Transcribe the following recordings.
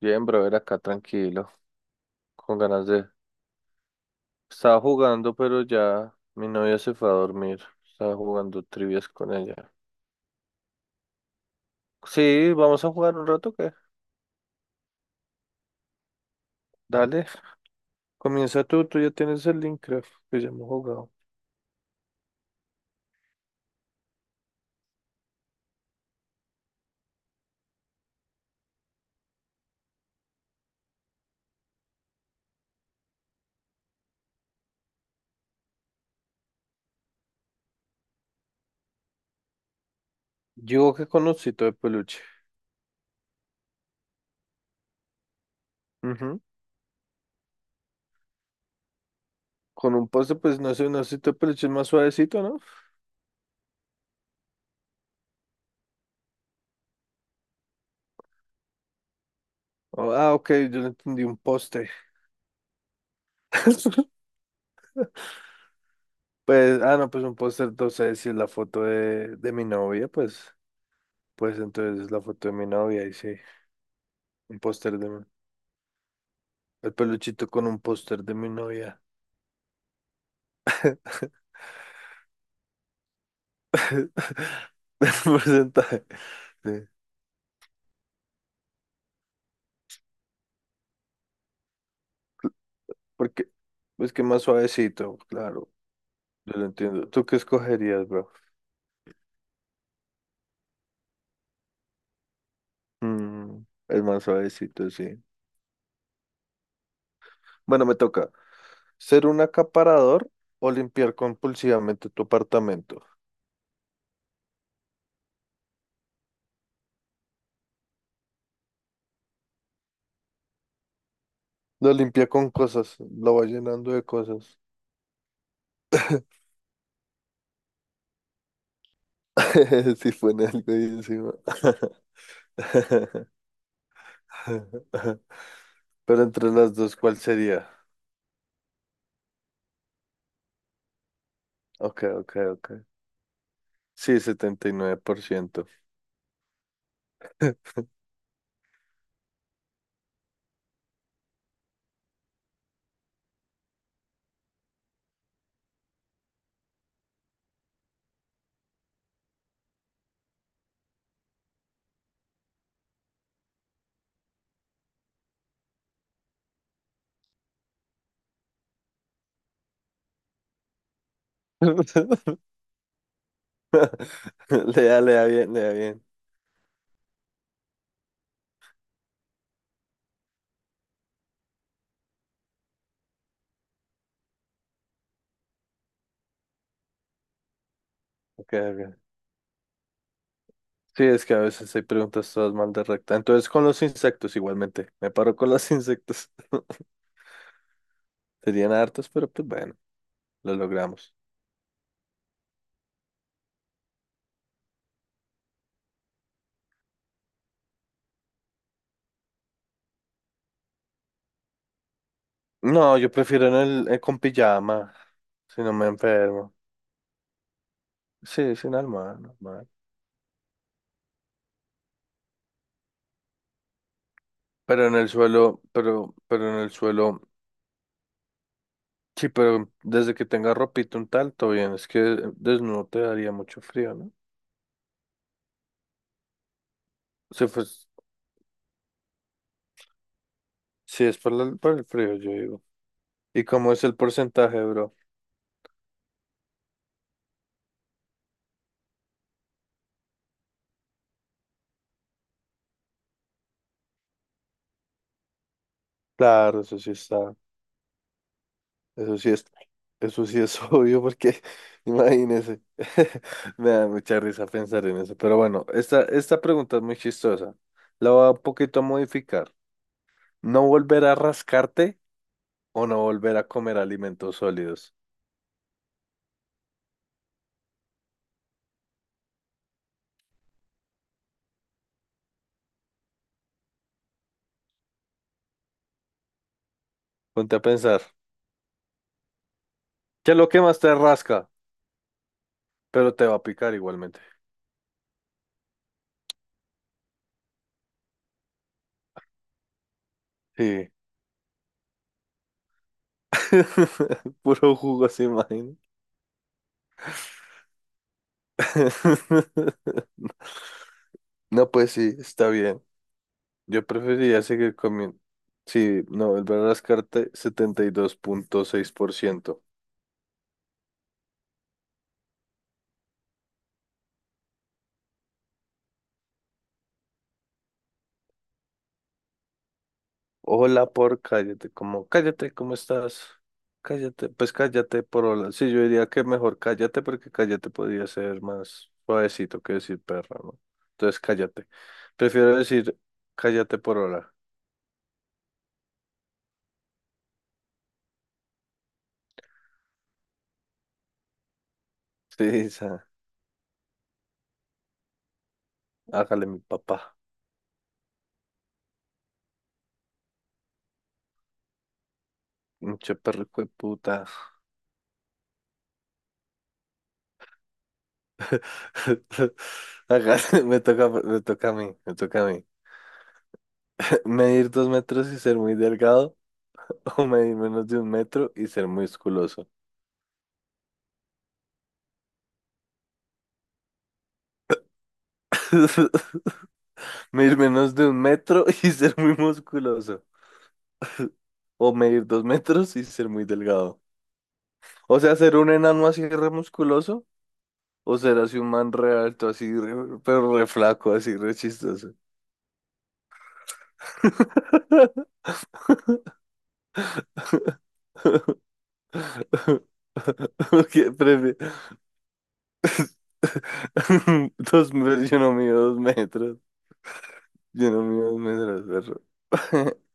Bien, brother, acá tranquilo, con ganas de... Estaba jugando, pero ya mi novia se fue a dormir. Estaba jugando trivias con ella. Sí, vamos a jugar un rato, ¿qué? Dale, comienza tú, ya tienes el Minecraft, que ya hemos jugado. Yo que con osito de peluche. Ujú. Con un poste, pues no sé, un osito de peluche es más suavecito, ¿no? Oh, ah, ok, yo le entendí un poste. Pues, no, pues un póster, entonces si es la foto de mi novia, pues, pues entonces es la foto de mi novia y sí, un póster de... El peluchito con un póster de mi novia. El porcentaje. Sí. Porque es que más suavecito, claro. Yo lo entiendo. ¿Tú qué escogerías, bro? Mm, el más suavecito, sí. Bueno, me toca. ¿Ser un acaparador o limpiar compulsivamente tu apartamento? Lo limpia con cosas, lo va llenando de cosas. Si pone algo ahí encima. Pero entre las dos, ¿cuál sería? Ok, ok, ok. Sí, 79%. Le da bien, le da bien. Ok, ok. Sí, es que a veces hay preguntas todas mal de recta. Entonces, con los insectos igualmente. Me paro con los insectos. Serían hartos, pero pues bueno, lo logramos. No, yo prefiero en el, con pijama, si no me enfermo. Sí, sin alma normal. Pero en el suelo, sí, pero desde que tenga ropita un tal, todo bien. Es que desnudo te daría mucho frío, ¿no? Si fue... Sí, es por, la- por el frío, yo digo. ¿Y cómo es el porcentaje, bro? Claro, eso sí está. Eso sí es, eso sí es obvio, porque imagínese. Me da mucha risa pensar en eso. Pero bueno, esta pregunta es muy chistosa. La voy a un poquito modificar. ¿No volver a rascarte o no volver a comer alimentos sólidos? Ponte a pensar. ¿Qué es lo que más te rasca? Pero te va a picar igualmente. Sí. Puro jugo, se imagina. No, pues sí, está bien. Yo preferiría seguir comiendo. Sí, no, el las cartas 72.6%. Hola por cállate, como cállate, ¿cómo estás? Cállate, pues cállate por hola. Sí, yo diría que mejor cállate porque cállate podría ser más suavecito que decir perra, ¿no? Entonces cállate. Prefiero decir cállate por hola. Sí, esa, hágale mi papá. Mucho perro hijo de puta. Hágale, me toca, me toca a mí. Medir dos metros y ser muy delgado, o medir menos de un metro y ser musculoso. Medir menos de un metro y ser muy musculoso, o medir dos metros y ser muy delgado. O sea, ser un enano así re musculoso, o ser así un man re alto, así, re- pero re flaco, así re chistoso. ¿Qué prefi-? Dos metros, yo no mido dos metros. Yo no mido dos metros, perro.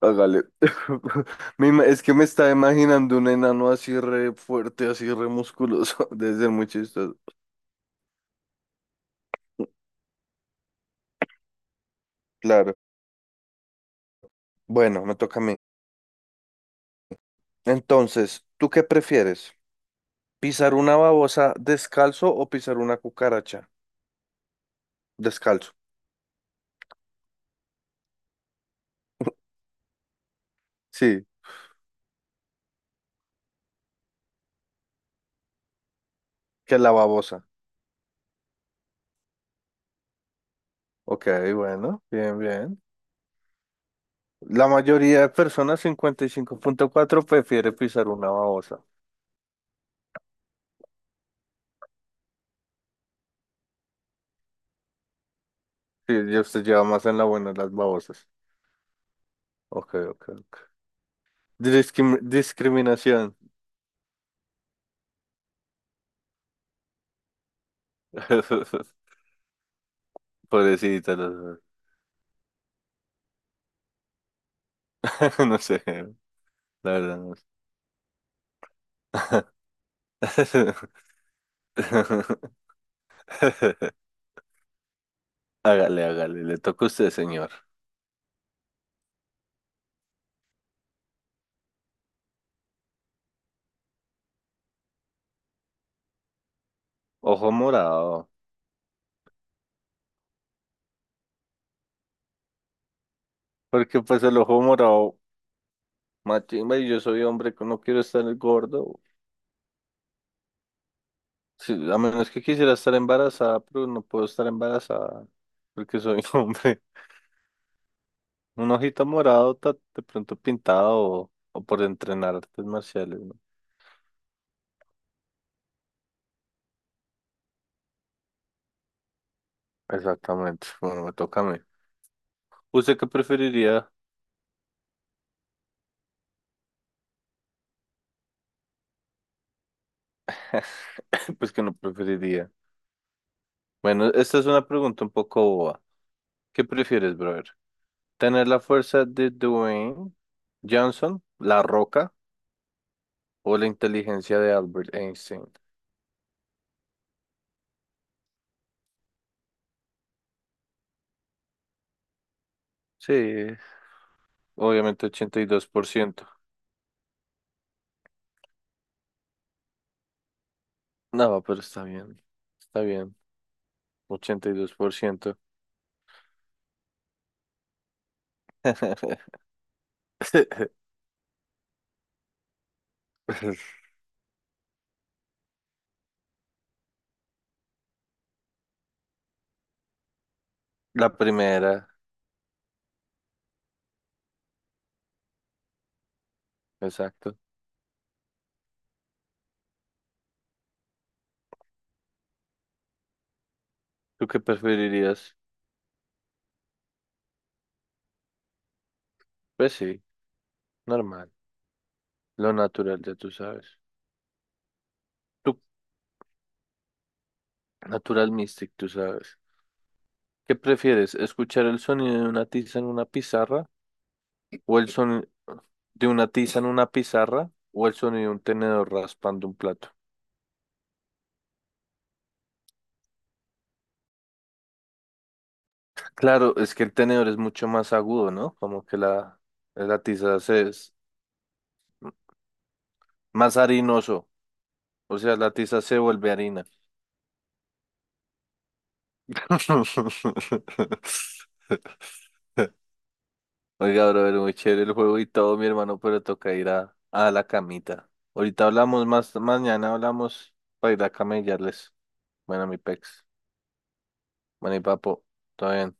Hágale. Me ima-... Es que me estaba imaginando un enano así re fuerte, así re musculoso. Debe ser muy chistoso. Claro. Bueno, me toca a mí. Entonces, ¿tú qué prefieres? ¿Pisar una babosa descalzo o pisar una cucaracha? Descalzo. Sí, que la babosa. Ok, bueno, bien, bien. La mayoría de personas, 55,4% prefiere pisar una babosa. Sí, ya usted lleva más en la buena las babosas. Ok, ok, ok. Discrim- discriminación. Pobrecita, no sé, no sé, la verdad no sé. Hágale, hágale, le toca a usted, señor. Ojo morado. Porque pues el ojo morado, machimba, y yo soy hombre que no quiero estar gordo. Sí, a menos que quisiera estar embarazada, pero no puedo estar embarazada porque soy hombre. Un ojito morado, ta-... De pronto pintado o por entrenar artes marciales, ¿no? Exactamente, bueno, me toca a mí. ¿Usted qué preferiría? Pues que no preferiría. Bueno, esta es una pregunta un poco boba. ¿Qué prefieres, brother? ¿Tener la fuerza de Dwayne Johnson, La Roca, o la inteligencia de Albert Einstein? Sí, obviamente 82%. No, pero está bien. Está bien. 82%. La primera, exacto. ¿Tú qué preferirías? Pues sí, normal. Lo natural, ya tú sabes. Tú, natural mystic, tú sabes. ¿Qué prefieres? ¿Escuchar el sonido de una tiza en una pizarra o el sonido de una tiza en una pizarra o el sonido de un tenedor raspando un plato? Claro, es que el tenedor es mucho más agudo, ¿no? Como que la tiza se es más harinoso, o sea, la tiza se vuelve harina. Oiga, brother, muy chévere el juego y todo, mi hermano, pero toca ir a la camita. Ahorita hablamos más, mañana hablamos para ir a camellarles. Bueno, mi pex. Bueno, y papo, todo bien.